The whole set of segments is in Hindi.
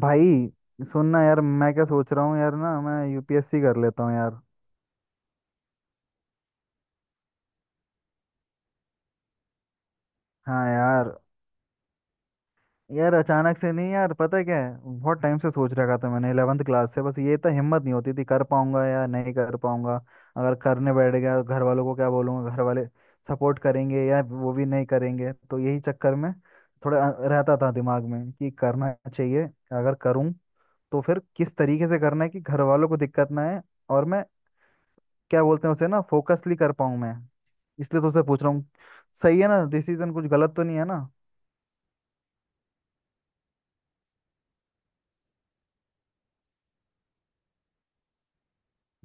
भाई, सुनना यार। मैं क्या सोच रहा हूँ यार? ना, मैं यूपीएससी कर लेता हूँ यार। हाँ यार। यार अचानक से नहीं यार, पता है क्या है, बहुत टाइम से सोच रखा था मैंने 11th क्लास से। बस ये तो हिम्मत नहीं होती थी कर पाऊंगा या नहीं कर पाऊंगा। अगर करने बैठ गया घर वालों को क्या बोलूंगा? घर वाले सपोर्ट करेंगे या वो भी नहीं करेंगे? तो यही चक्कर में थोड़ा रहता था दिमाग में कि करना चाहिए। अगर करूँ तो फिर किस तरीके से करना है कि घर वालों को दिक्कत ना आए और मैं क्या बोलते हैं उसे ना फोकसली कर पाऊँ मैं। इसलिए तो से पूछ रहा हूँ। सही है ना? डिसीजन कुछ गलत तो नहीं है ना?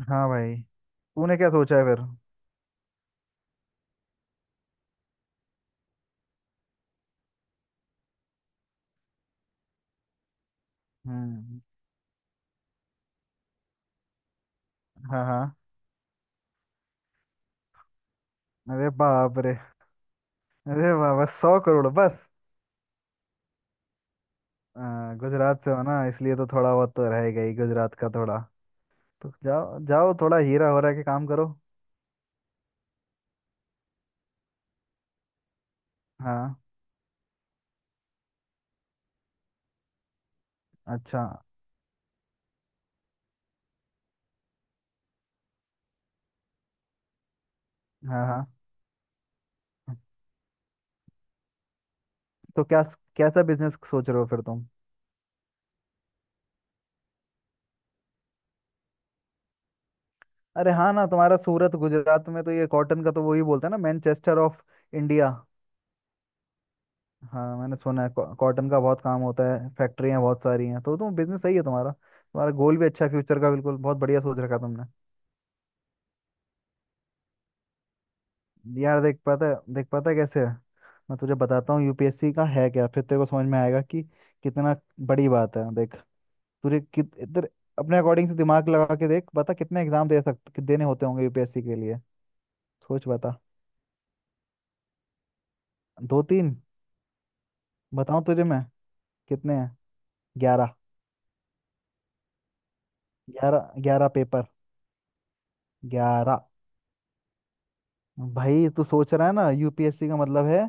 हाँ भाई, तूने क्या सोचा है फिर? हम्म। हाँ हाँ। अरे बाप रे। अरे बाप, बस 100 करोड़ बस। आ, गुजरात से हो ना इसलिए तो थोड़ा बहुत तो रहेगा ही गुजरात का थोड़ा। तो जाओ जाओ, थोड़ा हीरा हो रहा के काम करो। हाँ। अच्छा। हाँ हाँ। तो क्या कैसा बिजनेस सोच रहे हो फिर तुम? अरे हाँ ना, तुम्हारा सूरत गुजरात में तो ये कॉटन का तो वही बोलते हैं ना, मैनचेस्टर ऑफ इंडिया। हाँ मैंने सुना है कॉटन का बहुत काम होता है, फैक्ट्रियाँ बहुत सारी हैं, तो तुम बिजनेस सही है तुम्हारा, तुम्हारा गोल भी अच्छा है फ्यूचर का, बिल्कुल बहुत बढ़िया सोच रखा तुमने। यार देख पाता है, देख पाता है कैसे है। मैं तुझे बताता हूँ यूपीएससी का है क्या, फिर तेरे को समझ में आएगा कि कितना बड़ी बात है, देख। तुझे कित इधर अपने अकॉर्डिंग से दिमाग लगा के देख बता, कितने एग्जाम दे सकते, देने होते होंगे यूपीएससी के लिए? सोच बता। दो तीन? बताऊँ तुझे मैं कितने हैं? 11। 11, ग्यारह पेपर। 11। भाई तू सोच रहा है ना, यूपीएससी का मतलब है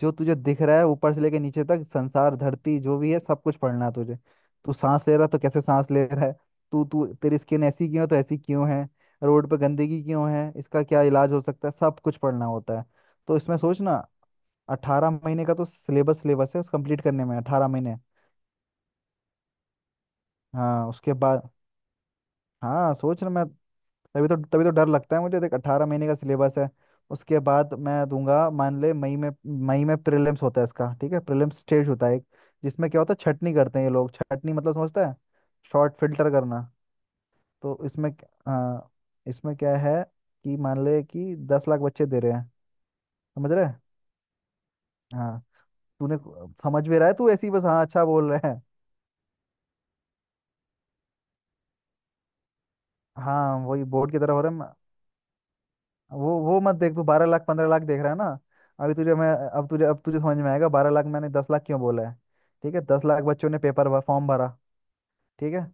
जो तुझे दिख रहा है ऊपर से लेके नीचे तक, संसार धरती जो भी है सब कुछ पढ़ना है तुझे। तू सांस ले रहा है तो कैसे सांस ले रहा है? तू तू तेरी स्किन ऐसी क्यों है? तो ऐसी क्यों है? रोड पे गंदगी क्यों है? इसका क्या इलाज हो सकता है? सब कुछ पढ़ना होता है। तो इसमें सोच ना। अठारह महीने का तो सिलेबस, सिलेबस है उस कंप्लीट करने में, 18 महीने। हाँ, उसके बाद। हाँ सोच ना मैं। तभी तो डर लगता है मुझे। देख, 18 महीने का सिलेबस है। उसके बाद मैं दूंगा मान ले मई में। मई में प्रीलिम्स होता है इसका, ठीक है? प्रीलिम्स स्टेज होता है एक, जिसमें क्या होता है, छटनी करते हैं ये लोग। छटनी मतलब समझता है? शॉर्ट फिल्टर करना। तो इसमें इसमें क्या है कि मान ले कि 10 लाख बच्चे दे रहे हैं। समझ रहे हैं? हाँ। समझ भी रहा है तू, ऐसी बस हाँ अच्छा बोल रहा है? हाँ, वही बोर्ड की तरह हो रहा है। वो मत देख, तू 12 लाख 15 लाख देख रहा है ना? अभी तुझे मैं, अब तुझे समझ में आएगा 12 लाख मैंने 10 लाख क्यों बोला है। ठीक है, 10 लाख बच्चों ने फॉर्म भरा, ठीक है?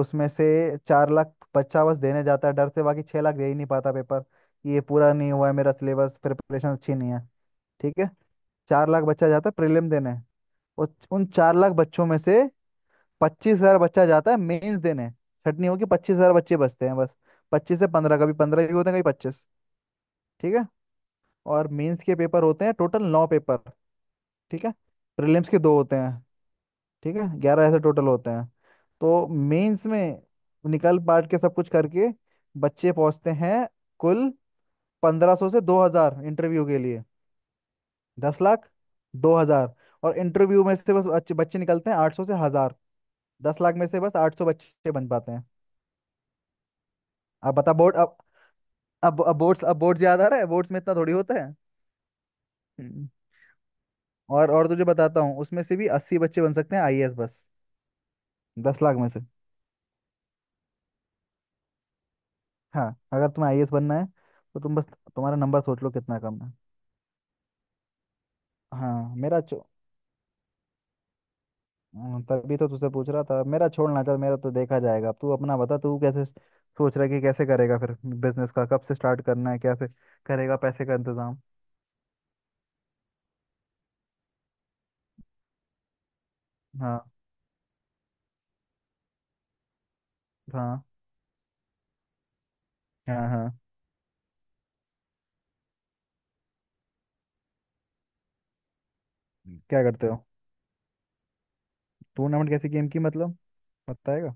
उसमें से 4 लाख बच्चा बस देने जाता है डर से, बाकी 6 लाख दे ही नहीं पाता पेपर कि ये पूरा नहीं हुआ है मेरा सिलेबस, प्रिपरेशन अच्छी नहीं है, ठीक है? 4 लाख बच्चा जाता है प्रीलिम देने। और उन 4 लाख बच्चों में से 25,000 बच्चा जाता है मेंस देने। छटनी होगी, 25,000 बच्चे बचते हैं बस। 25 से 15, कभी 15 भी होते हैं कभी 25। ठीक है। और मेंस के पेपर होते हैं टोटल 9 पेपर, ठीक है? प्रीलिम्स के दो होते हैं, ठीक है, 11 ऐसे टोटल होते हैं। तो मेंस में निकल पाट के सब कुछ करके बच्चे पहुंचते हैं कुल 1500 से 2000 इंटरव्यू के लिए। 10 लाख, 2000। और इंटरव्यू में से बस बच्चे बच्चे निकलते हैं 800 से 1000। दस लाख में से बस 800 बच्चे बन पाते हैं। अब बता बोर्ड, अब, अब बोर्ड्स, अब बोर्ड याद आ रहा है? बोर्ड्स में इतना थोड़ी होता है। हम्म। और तुझे बताता हूँ उसमें से भी 80 बच्चे बन सकते हैं आईएएस, बस। 10 लाख में से। हाँ, अगर तुम्हें आईएएस बनना है तो तुम बस तुम्हारा नंबर सोच लो कितना कम है। हाँ मेरा चो, तभी तो तुझसे पूछ रहा था, मेरा छोड़ना, चल मेरा तो देखा जाएगा, तू अपना बता, तू कैसे सोच रहा है कि कैसे करेगा फिर बिजनेस का, कब से स्टार्ट करना है, कैसे करेगा पैसे का इंतजाम? हाँ हाँ हाँ। हाँ। हम्म। क्या करते हो? टूर्नामेंट कैसी गेम की मतलब? बताएगा?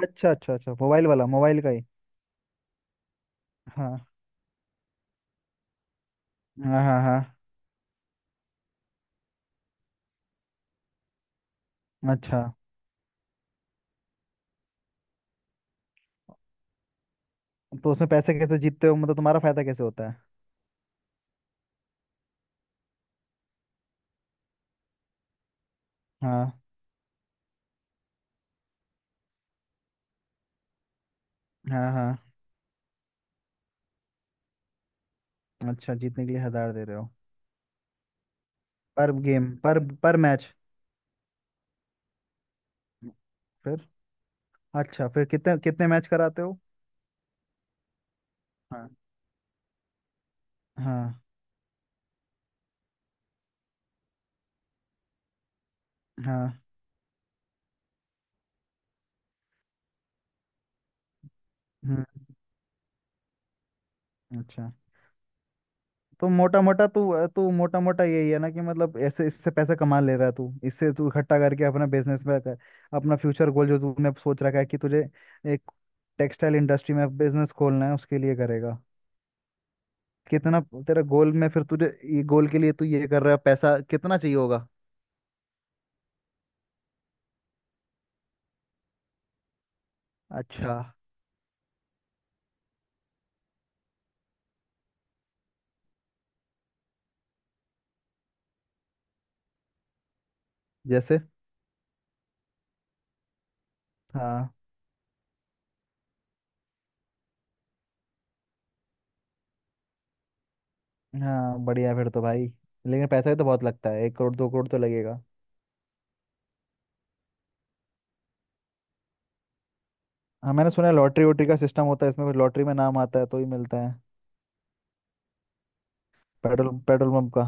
अच्छा अच्छा अच्छा, मोबाइल वाला? मोबाइल का ही? हाँ हाँ हाँ। हाँ। अच्छा, तो उसमें पैसे कैसे जीतते हो? मतलब तुम्हारा फायदा कैसे होता है? हाँ हाँ। हाँ अच्छा, जीतने के लिए 1000 दे रहे हो? पर गेम? पर मैच? फिर? अच्छा फिर कितने कितने मैच कराते हो? हाँ हाँ हाँ। हम्म। अच्छा, तो मोटा मोटा तू, तू मोटा मोटा यही है ना कि मतलब ऐसे इससे पैसा कमा ले रहा है तू, इससे तू इकट्ठा करके अपना बिजनेस में कर, अपना फ्यूचर गोल जो तूने सोच रखा है कि तुझे एक टेक्सटाइल इंडस्ट्री में बिजनेस खोलना है उसके लिए करेगा? कितना तेरा गोल में, फिर तुझे, ये गोल के लिए तू ये कर रहा है, पैसा कितना चाहिए होगा? अच्छा। जैसे? हाँ हाँ, बढ़िया फिर तो भाई। लेकिन पैसा भी तो बहुत लगता है, 1 करोड़ 2 करोड़ तो लगेगा। हाँ मैंने सुना है लॉटरी वोटरी का सिस्टम होता है इसमें कुछ, लॉटरी में नाम आता है तो ही मिलता है। पेट्रोल पेट्रोल पंप का?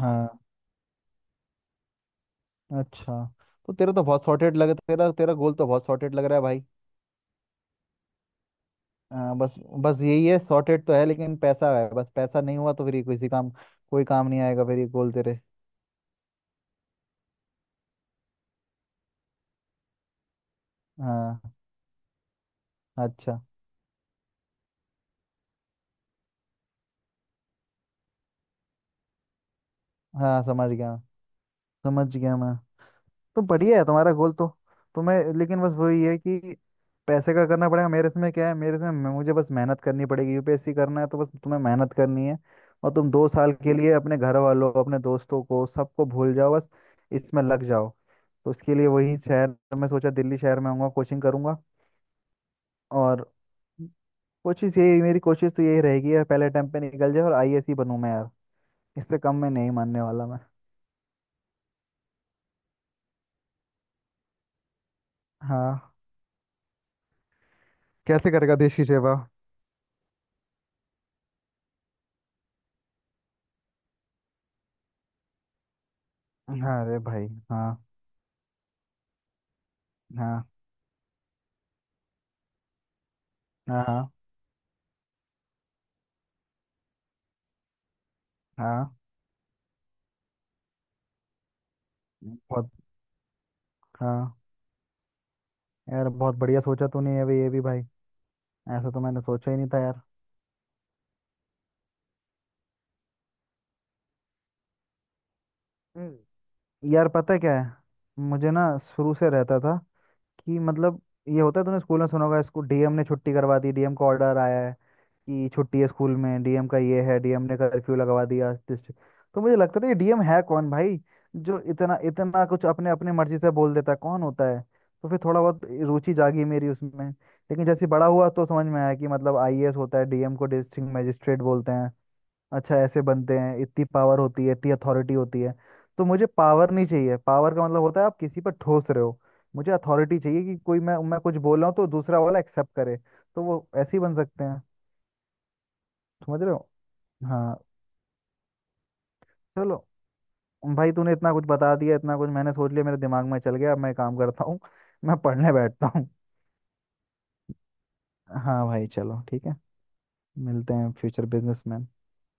हाँ अच्छा। तो तेरा तो बहुत सॉर्टेड लग, तेरा तेरा गोल तो बहुत सॉर्टेड लग रहा है भाई। हाँ, बस। बस यही है, सॉर्टेड तो है, लेकिन पैसा है, बस पैसा नहीं हुआ तो फिर ये किसी काम, कोई काम नहीं आएगा फिर ये गोल तेरे। हाँ। अच्छा। हाँ समझ गया, समझ गया मैं। तो बढ़िया है तुम्हारा गोल तो। तुम्हें लेकिन बस वही है कि पैसे का करना पड़ेगा। मेरे इसमें क्या है, मुझे बस मेहनत करनी पड़ेगी। यूपीएससी करना है तो बस तुम्हें मेहनत करनी है, और तुम 2 साल के लिए अपने घर वालों, अपने दोस्तों को, सबको भूल जाओ, बस इसमें लग जाओ। तो उसके लिए वही शहर मैं सोचा, दिल्ली शहर में आऊँगा कोचिंग करूँगा। और कोशिश यही, मेरी कोशिश तो यही रहेगी यार, पहले अटेम्प्ट पे निकल जाए और आईएएस ही बनूँ मैं यार। इससे कम मैं नहीं मानने वाला मैं। हाँ। कैसे करेगा देश की सेवा? हाँ अरे भाई। हाँ हाँ हाँ हाँ। हाँ बहुत। हाँ। यार बहुत बढ़िया सोचा तूने ये भी, ये भी भाई। ऐसा तो मैंने सोचा ही नहीं था यार। हम्म। यार पता है क्या है, मुझे ना शुरू से रहता था कि मतलब, ये होता है, तूने स्कूल में सुना होगा, इसको डीएम ने छुट्टी करवा दी, डीएम का ऑर्डर आया है कि छुट्टी है स्कूल में, डीएम का ये है, डीएम ने कर्फ्यू लगवा दिया डिस्ट्रिक्ट। तो मुझे लगता था ये डीएम है कौन भाई जो इतना इतना कुछ अपने अपने मर्जी से बोल देता है? कौन होता है? तो फिर थोड़ा बहुत रुचि जागी मेरी उसमें, लेकिन जैसे बड़ा हुआ तो समझ में आया कि मतलब आईएएस होता है, डीएम को डिस्ट्रिक्ट मजिस्ट्रेट बोलते हैं। अच्छा, ऐसे बनते हैं, इतनी पावर होती है, इतनी अथॉरिटी होती है। तो मुझे पावर नहीं चाहिए, पावर का मतलब होता है आप किसी पर ठोस रहे हो। मुझे अथॉरिटी चाहिए कि कोई, मैं कुछ बोल रहा हूँ तो दूसरा वाला एक्सेप्ट करे। तो वो ऐसे ही बन सकते हैं। समझ रहे हो? हाँ। चलो। भाई तूने इतना कुछ बता दिया, इतना कुछ मैंने सोच लिया मेरे दिमाग में, चल गया। अब मैं एक काम करता हूँ, मैं पढ़ने बैठता हूँ। हाँ भाई चलो ठीक है। मिलते हैं फ्यूचर बिजनेसमैन।